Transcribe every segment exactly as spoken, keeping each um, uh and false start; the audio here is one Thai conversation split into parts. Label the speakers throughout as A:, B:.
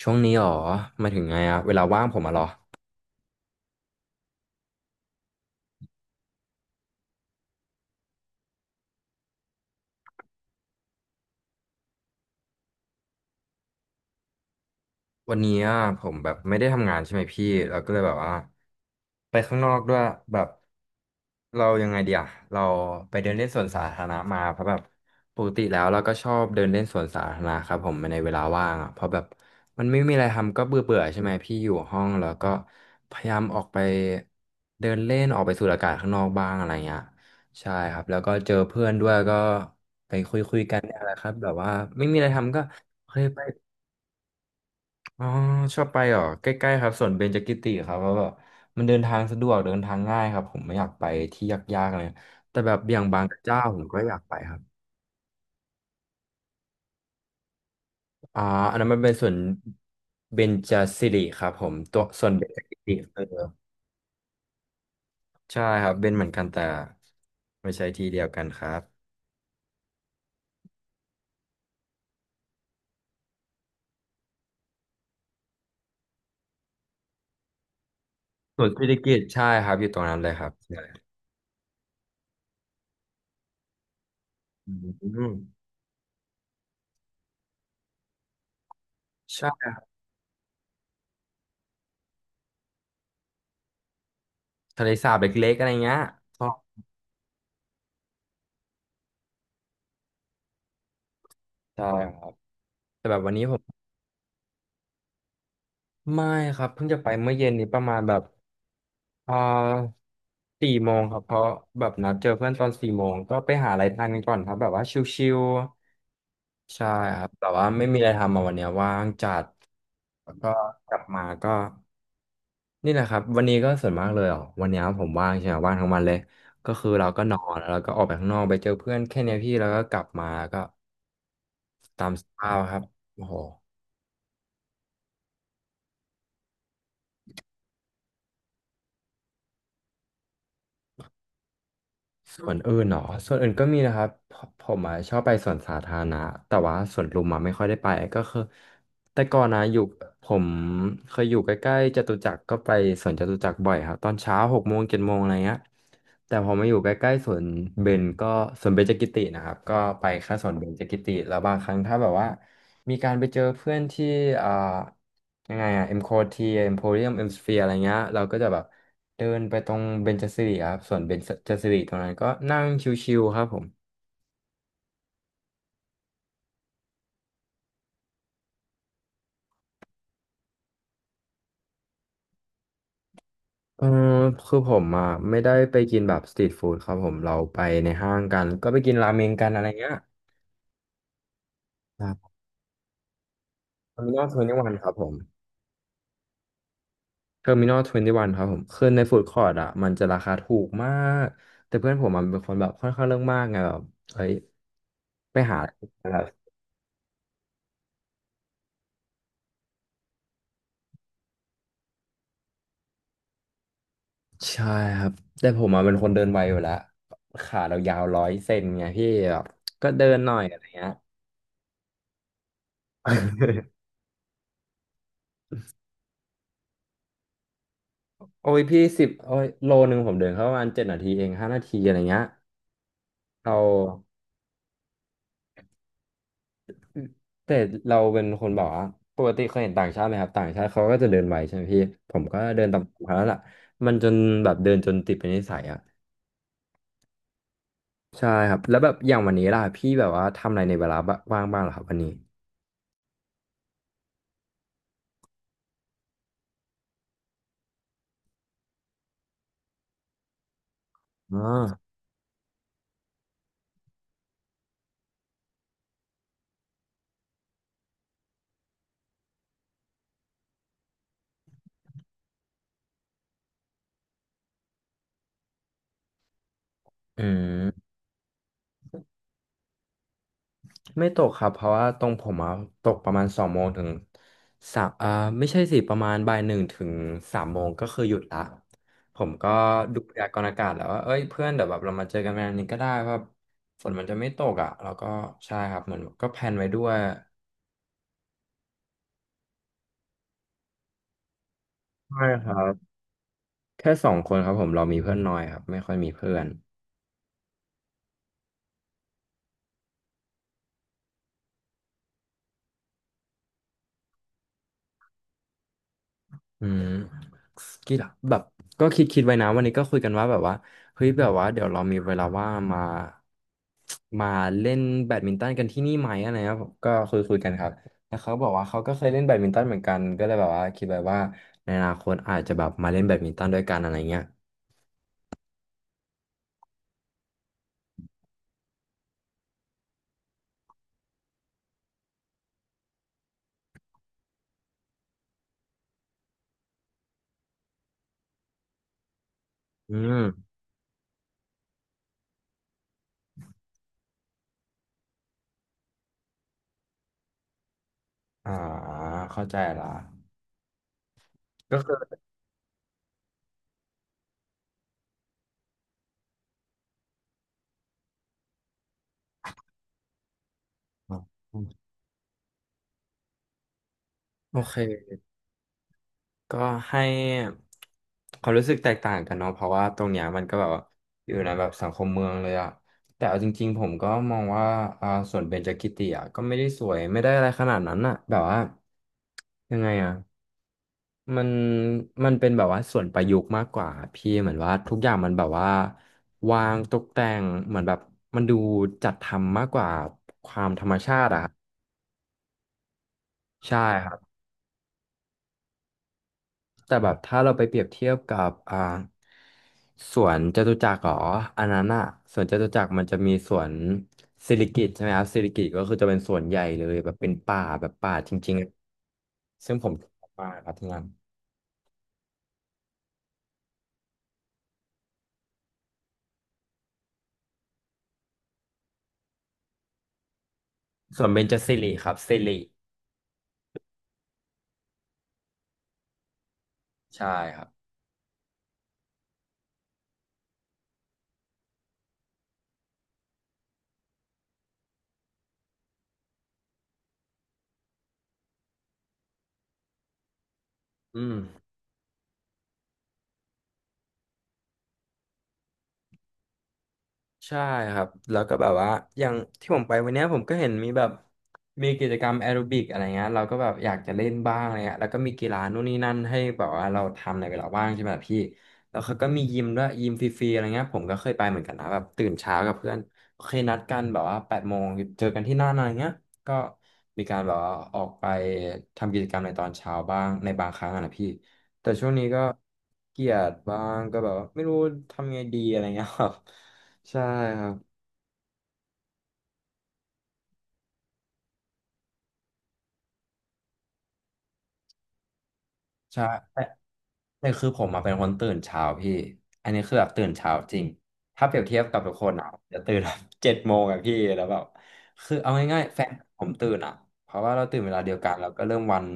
A: ช่วงนี้หรอหมายถึงไงอะเวลาว่างผมอะเหรอ วันนี้อะผมแบบไม่ได้ทำงานใช่ไหมพี่เราก็เลยแบบว่าไปข้างนอกด้วยแบบเรายังไงเดียเราไปเดินเล่นสวนสาธารณะมาเพราะแบบปกติแล้วเราก็ชอบเดินเล่นสวนสาธารณะครับผมในเวลาว่างอ่ะเพราะแบบมันไม่มีอะไรทำก็เบื่อเบื่อใช่ไหมพี่อยู่ห้องแล้วก็พยายามออกไปเดินเล่นออกไปสูดอากาศข้างนอกบ้างอะไรเงี้ยใช่ครับแล้วก็เจอเพื่อนด้วยก็ไปคุยคุยกันเนี่ยแหละครับแบบว่าไม่มีอะไรทำก็เคยไป อ๋อชอบไปเหรอใกล้ๆครับสวนเบญจกิติครับเพราะแบบมันเดินทางสะดวกเดินทางง่ายครับผมไม่อยากไปที่ยากๆอะไรแต่แบบอย่างบางกระเจ้าผมก็อยากไปครับอ่าอันนั้นมันเป็นสวนเบญจสิริครับผมตัวส่วนเบญจกิติเออใช่ครับเป็นเหมือนกันแต่ไม่ใช่ที่เดียวกันครับสวนสิริกิติ์ใช่ครับอยู่ตรงนั้นเลยครับใช่อืมใช่ครับทะเลสาบเล็กๆอะไรเงี้ยชอบใช่ครับแต่แบบวันนี้ผมไม่ครับเพิ่งจะไปเมื่อเย็นนี้ประมาณแบบ อ่าสี่โมงครับเพราะแบบนัดเจอเพื่อนตอนสี่โมงก็ไปหาอะไรทานกันก่อนครับแบบว่าชิลๆใช่ครับแต่ว่าไม่มีอะไรทำมาวันเนี้ยว่างจัดแล้วก็กลับมาก็นี่แหละครับวันนี้ก็ส่วนมากเลยอ่ะวันเนี้ยผมว่างใช่ไหมว่างทั้งวันเลยก็คือเราก็นอนแล้วก็ออกไปข้างนอกไปเจอเพื่อนแค่เนี้ยพี่แล้วก็กลับมาก็ตามสภาพครับโอ้โห ส่วนอื่นเหรอส่วนอื่นก็มีนะครับผผมอะชอบไปสวนสาธารณะแต่ว่าสวนลุมอะไม่ค่อยได้ไปก็คือแต่ก่อนนะอยู่ผมเคยอยู่ใกล้ๆจตุจักรก็ไปสวนจตุจักรบ่อยครับตอนเช้าหกโมงเจ็ดโมงอะไรเงี้ยแต่พอมาอยู่ใกล้ๆสวนเบญก็สวนเบญจกิตินะครับก็ไปแค่สวนเบญจกิติแล้วบางครั้งถ้าแบบว่า มีการไปเจอเพื่อนที่อ่ายังไงอ่ะเอ็มโคทีเอ็มโพเรียมเอ็มสเฟียอะไรเงี้ยเราก็จะแบบเดินไปตรงเบญจสิริครับส่วนเบญจสิริตรงนั้นก็นั่งชิวๆครับผมเออคือผมอ่ะไม่ได้ไปกินแบบสตรีทฟู้ดครับผมเราไปในห้างกันก็ไปกินราเมงกันอะไรเงี้ยครับเทอร์มินอลทเวนตี้วันครับผมเทอร์มินอลทเวนตี้วันครับผมคือในฟู้ดคอร์ทอ่ะมันจะราคาถูกมากแต่เพื่อนผมมันเป็นคนแบบค่อนข้างเรื่องมากไงแบบเฮ้ยไปหา ใช่ครับแต่ผมอ่ะเป็นคนเดินไวอยู่แล้วขาเรายาวร้อยเซนไงพี่แบบก็เดินหน่อยอะไรเงี้ย โอ้ยพี่สิบโอ้ยโลหนึ่งผมเดินเข้าประมาณเจ็ดนาทีเองห้านาทีอะไรเงี้ยเราแต่เราเป็นคนบอกว่าปกติเคยเห็นต่างชาติไหมครับต่างชาติเขาก็จะเดินไวใช่ไหมพี่ผมก็เดินตามเขาแล้วล่ะมันจนแบบเดินจนติดเป็นนิสัยอ่ะใช่ครับแล้วแบบอย่างวันนี้ล่ะพี่แบบว่าทำอะไรในเวลาบ้างบ้างเหรอครับวันนี้อ๋ออืม ไม่ตกครับเพราะว่าตรงผมอะตกประมาณสองโมงถึงสามอ่าไม่ใช่สิประมาณบ่ายหนึ่งถึงสามโมงก็คือหยุดละผมก็ดูพยากรณ์อากาศแล้วว่าเอ้ยเพื่อนเดี๋ยวแบบเรามาเจอกันวันนี้ก็ได้ว่าฝนมันจะไม่ตกอ่ะแล้วก็ใช่ครับเหมือนก็แพลนไว้ด้วยใช่ครับแค่สองคนครับผมเรามีเพื่อนน้อยครับไม่ค่อยมีเพื่อน อืมกีฬาแบบก็คิดคิดไว้นะวันนี้ก็คุยกันว่าแบบว่าเฮ้ยแบบว่าเดี๋ยวเรามีเวลาว่างมามาเล่นแบดมินตันกันที่นี่ไหมอะไรนะก็คุยคุยกันครับแล้วเขาบอกว่าเขาก็เคยเล่นแบดมินตันเหมือนกันก็เลยแบบว่าคิดไว้ว่าในอนาคตอาจจะแบบมาเล่นแบดมินตันด้วยกันอะไรเงี้ยอืมอ่าเข้าใจละก็คือโอเค ก็ให้ความรู้สึกแตกต่างกันเนาะเพราะว่าตรงเนี้ยมันก็แบบว่าอยู่ในแบบสังคมเมืองเลยอะแต่เอาจริงๆผมก็มองว่าอ่าส่วนเบญจกิติอะก็ไม่ได้สวยไม่ได้อะไรขนาดนั้นอะแบบว่ายังไงอะมันมันเป็นแบบว่าส่วนประยุกต์มากกว่าพี่เหมือนว่าทุกอย่างมันแบบว่าวางตกแต่งเหมือนแบบมันดูจัดทำมากกว่าความธรรมชาติอะครับใช่ครับ แต่แบบถ้าเราไปเปรียบเทียบกับอ่าสวนจตุจักรหรออันนั้นอะสวนจตุจักรมันจะมีสวนสิริกิติ์ใช่ไหมครับสิริกิติ์ก็คือจะเป็นสวนใหญ่เลยแบบเป็นป่าแบบป่าจริงๆอะซึ่งผมชอบมากครับที่นั่นส่วนเบญจสิริครับสิริใช่ครับอืม ใช่ครับแล้วก็แบบว่าอย่างที่ผมไปวันเนี้ยผมก็เห็นมีแบบมีกิจกรรมแอโรบิกอะไรเงี้ยเราก็แบบอยากจะเล่นบ้างอะไรเงี้ยแล้วก็มีกีฬานู่นนี่นั่นให้แบบว่าเราทำในเวลาว่างใช่ไหมล่ะพี่แล้วเขาก็มียิมด้วยยิมฟรีๆอะไรเงี้ยผมก็เคยไปเหมือนกันนะแบบตื่นเช้ากับเพื่อนเคยนัดกันแบบว่าแปดโมงเจอกันที่นั่นอะไรเงี้ยก็มีการแบบว่าออกไปทำกิจกรรมในตอนเช้าบ้างในบางครั้งอะนะพี่แต่ช่วงนี้ก็เกลียดบ้างก็แบบว่าไม่รู้ทำไงดีอะไรเงี้ยครับ ใช่ครับใช่แต่แต่คือผมมาเป็นคนตื่นเช้าพี่อันนี้คือแบบตื่นเช้าจริงถ้าเปรียบเทียบกับทุกคนอ่ะจะตื่นแบบ เจ็ดโมงอะพี่แล้วแบบคือเอาง่ายๆแฟนผมตื่นอ่ะเพราะว่าเราตื่นเวลาเดียวกันแล้วก็เริ่มวัน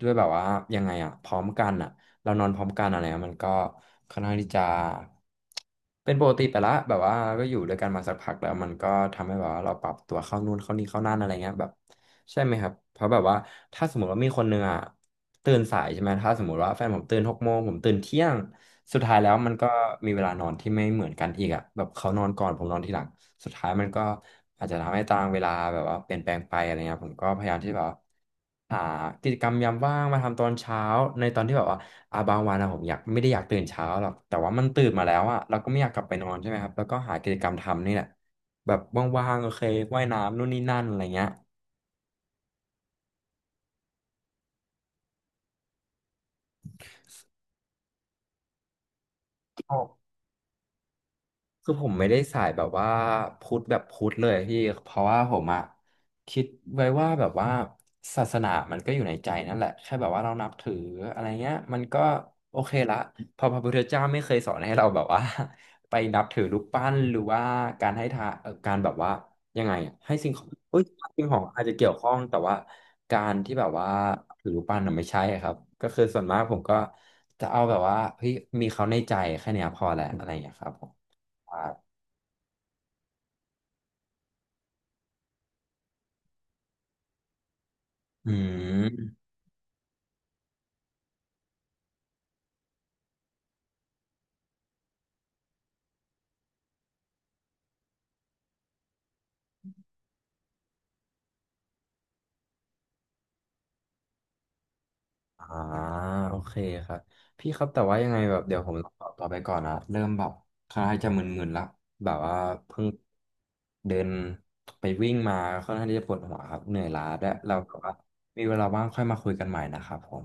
A: ด้วยแบบว่ายังไงอ่ะพร้อมกันอ่ะเรานอนพร้อมกันอะไรเงี้ยมันก็ค่อนข้างที่จะเป็นปกติไปละแบบว่าก็อยู่ด้วยกันมาสักพักแล้วมันก็ทำให้แบบว่าเราปรับตัวเข้านู่นเข้านี่เข้านั่นอะไรเงี้ยแบบ ใช่ไหมครับ เพราะแบบว่าถ้าสมมติว่ามีคนหนึ่งอ่ะตื่นสายใช่ไหมถ้าสมมติว่าแฟนผมตื่นหกโมงผมตื่นเที่ยงสุดท้ายแล้วมันก็มีเวลานอนที่ไม่เหมือนกันอีกอ่ะแบบเขานอนก่อนผมนอนทีหลังสุดท้ายมันก็อาจจะทำให้ตารางเวลาแบบว่าเปลี่ยนแปลงไปอะไรเงี้ยผมก็พยายามที่แบบว่าหากิจกรรมยามว่างมาทำตอนเช้าในตอนที่แบบว่าอาบางวันอะผมอยากไม่ได้อยากตื่นเช้าหรอกแต่ว่ามันตื่นมาแล้วอ่ะเราก็ไม่อยากกลับไปนอนใช่ไหมครับแล้วก็หากิจกรรมทำนี่แหละแบบว่างๆโอเคว่ายน้ำนู่นนี่นั่นอะไรเงี้ย คือผมไม่ได้สายแบบว่าพุทธแบบพุทธเลยพี่เพราะว่าผมอะคิดไว้ว่าแบบว่าศาสนามันก็อยู่ในใจนั่นแหละแค่แบบว่าเรานับถืออะไรเงี้ยมันก็โอเคละเพอพระพุทธเจ้าไม่เคยสอนให้เราแบบว่า ไปนับถือรูปปั้นหรือว่าการให้ทานเอ่อการแบบว่ายังไงอะให้สิ่งของเอ้ยสิ่งของอาจจะเกี่ยวข้องแต่ว่าการที่แบบว่าถือรูปปั้นน่ะไม่ใช่ครับก็คือส่วนมากผมก็จะเอาแบบว่าเฮ้ยมีเขาในใจแค่เนี้ยพอแหละอะไรอย่างเงี้ยครับผม อืมอ่าโอเคครับ พี่ครับแต่ว่ายังไงแบบเดี๋ยวผมตอขอตัวไปก่อนนะเริ่มแบบคล้ายจะมึนๆแล้วแบบว่าเพิ่งเดินไปวิ่งมาค่อนข้างที่จะปวดหัวครับเหนื่อยล้าด้วยเราแบบว่ามีเวลาว่างค่อยมาคุยกันใหม่นะครับผม